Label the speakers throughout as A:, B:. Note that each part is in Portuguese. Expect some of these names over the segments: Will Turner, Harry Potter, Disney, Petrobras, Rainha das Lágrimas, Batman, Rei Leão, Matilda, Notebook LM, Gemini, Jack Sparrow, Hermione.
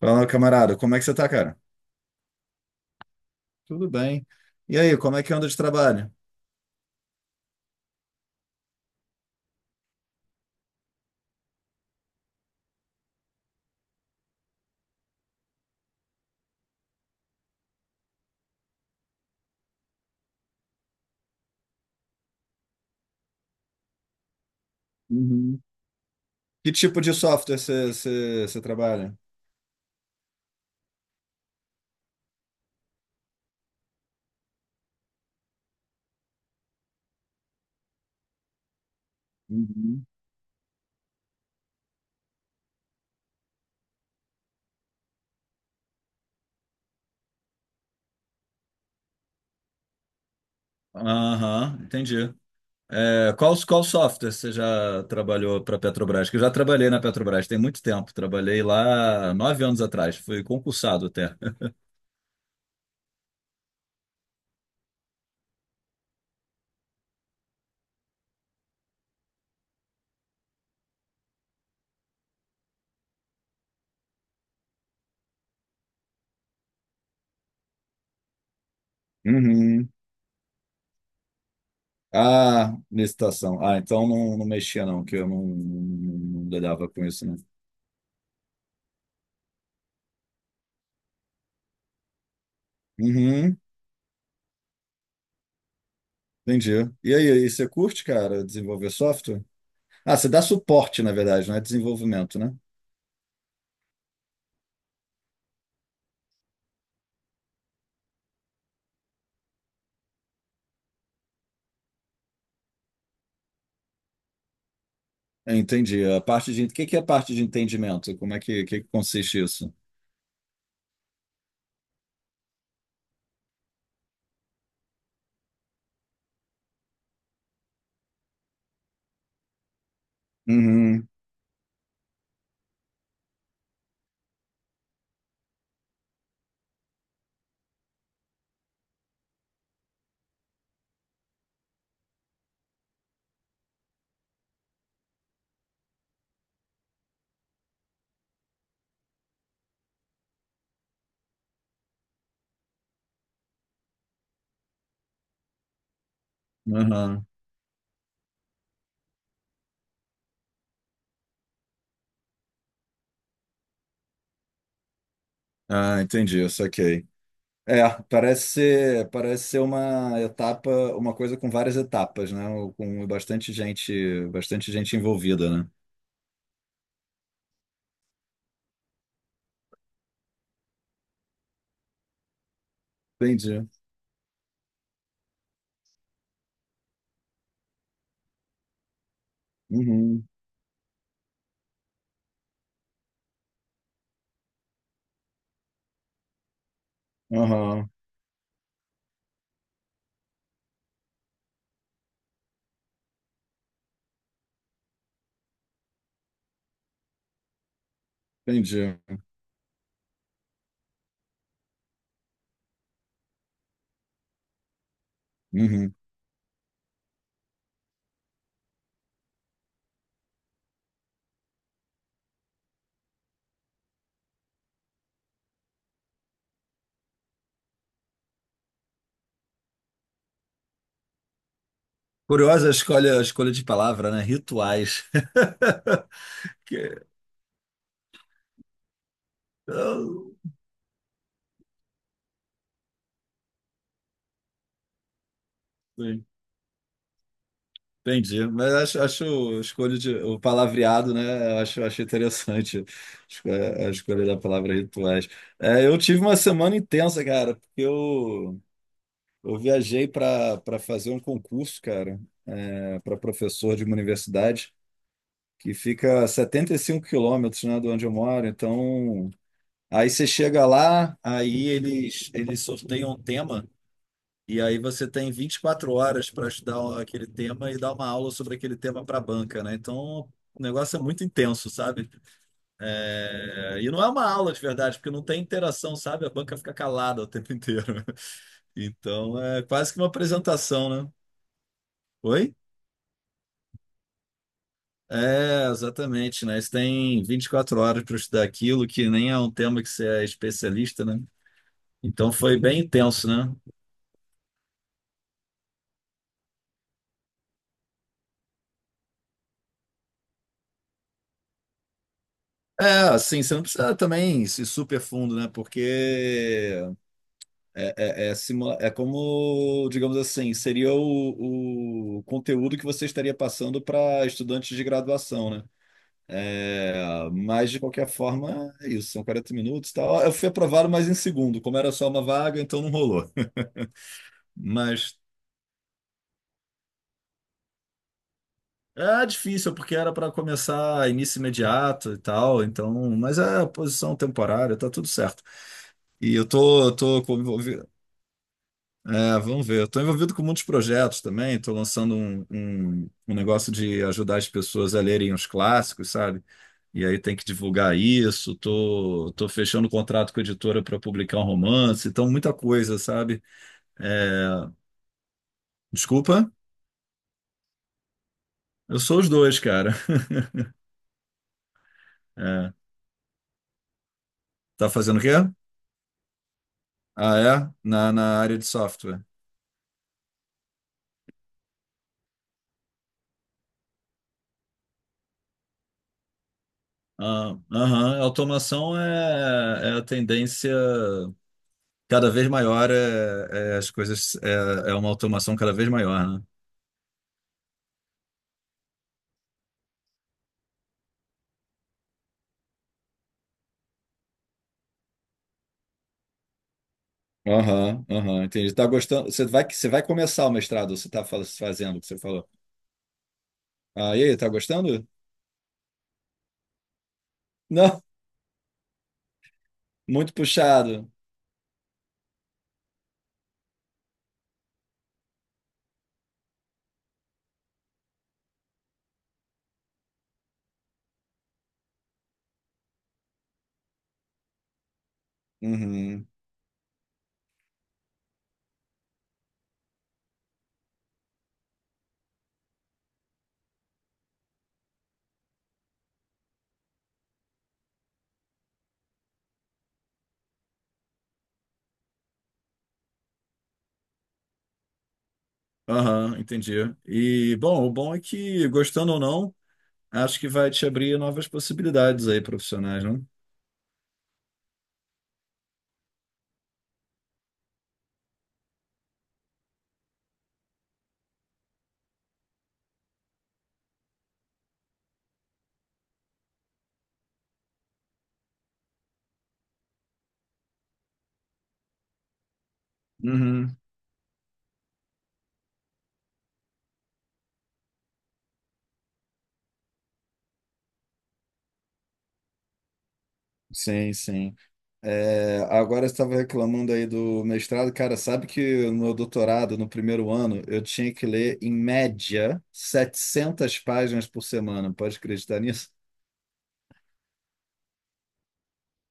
A: Fala, camarada, como é que você tá, cara? Tudo bem. E aí, como é que anda de trabalho? Uhum. Que tipo de software você trabalha? Uhum. Aham, entendi. É, qual software você já trabalhou para Petrobras? Que eu já trabalhei na Petrobras tem muito tempo. Trabalhei lá 9 anos atrás, fui concursado até. Uhum. Ah, licitação. Ah, então não, não mexia não, que eu não, não, não lidava com isso, não. Uhum, entendi. E aí, e você curte, cara, desenvolver software? Ah, você dá suporte, na verdade, não é desenvolvimento, né? É, entendi. A parte de, o que que é a parte de entendimento? Como é que consiste isso? Uhum, uhum. Ah, entendi, eu saquei. É, parece ser uma etapa, uma coisa com várias etapas, né? Com bastante gente envolvida, né? Entendi. Uhum. Aham. Entendi. Uhum. Curiosa a escolha de palavra, né? Rituais. Que- eu- Sim, entendi. Mas acho o escolho de o palavreado, né? Eu acho interessante a escolha da palavra rituais. É, eu tive uma semana intensa, cara, porque eu viajei para fazer um concurso, cara, para professor de uma universidade que fica a 75 quilômetros, né, de onde eu moro. Então, aí você chega lá, aí eles sorteiam um tema, e aí você tem 24 horas para estudar aquele tema e dar uma aula sobre aquele tema para a banca, né? Então, o negócio é muito intenso, sabe? É, e não é uma aula de verdade, porque não tem interação, sabe? A banca fica calada o tempo inteiro. Então, é quase que uma apresentação, né? Oi? É, exatamente, né? Você tem 24 horas para estudar aquilo, que nem é um tema que você é especialista, né? Então foi bem intenso, né? É, assim, você não precisa também se super fundo, né? Porque é como, digamos assim, seria o conteúdo que você estaria passando para estudantes de graduação, né? É, mas, de qualquer forma, é isso, são 40 minutos e tal. Eu fui aprovado, mas em segundo. Como era só uma vaga, então não rolou. Mas é difícil, porque era para começar início imediato e tal, então, mas é posição temporária, tá tudo certo. E eu tô. É, vamos ver. Estou envolvido com muitos projetos também. Estou lançando um negócio de ajudar as pessoas a lerem os clássicos, sabe? E aí tem que divulgar isso. Estou tô, tô fechando contrato com a editora para publicar um romance. Então, muita coisa, sabe? É, desculpa, eu sou os dois, cara. É. Tá fazendo o quê? Ah, é? Na área de software. Ah, aham. Automação é a tendência cada vez maior, é as coisas, é uma automação cada vez maior, né? Aham, aham, entendi. Tá gostando? Você vai começar o mestrado, ou você tá fazendo o que você falou. Ah, e aí, tá gostando? Não, muito puxado. Uhum. Aham, entendi. E, bom, o bom é que, gostando ou não, acho que vai te abrir novas possibilidades aí profissionais, não? Uhum. Sim, sim. É, agora eu estava reclamando aí do mestrado. Cara, sabe que no meu doutorado, no primeiro ano, eu tinha que ler, em média, 700 páginas por semana. Pode acreditar nisso?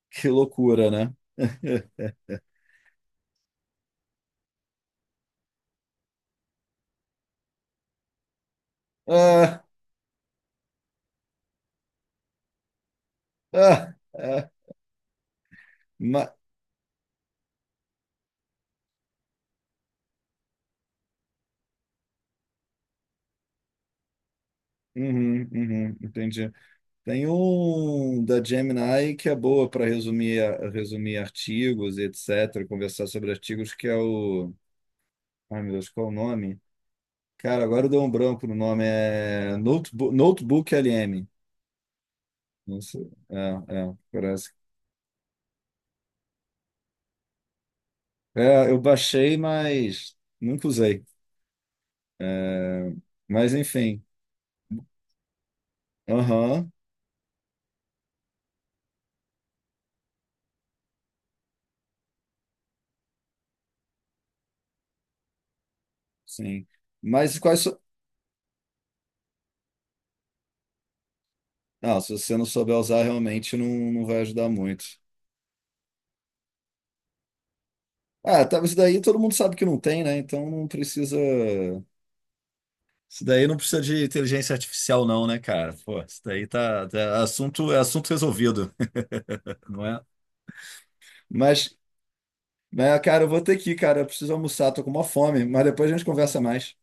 A: Que loucura, né? Ah, ah, ah, ma- Uhum, uhum, entendi. Tem um da Gemini que é boa para resumir, artigos, e etc., conversar sobre artigos, que é o. Ai, meu Deus, qual é o nome? Cara, agora deu um branco no nome. É Notebook, LM. Não sei. Parece. É, eu baixei, mas nunca usei. Mas enfim. Aham, sim. Mas quais. Não, se você não souber usar, realmente não, não vai ajudar muito. Ah, tá, isso daí todo mundo sabe que não tem, né? Então não precisa. Isso daí não precisa de inteligência artificial, não, né, cara? Pô, isso daí é assunto resolvido, não é? Mas, cara, eu vou ter que ir, cara. Eu preciso almoçar, tô com uma fome, mas depois a gente conversa mais.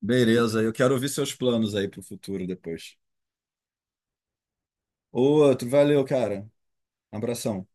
A: Beleza, eu quero ouvir seus planos aí pro futuro depois. Outro, valeu, cara. Abração.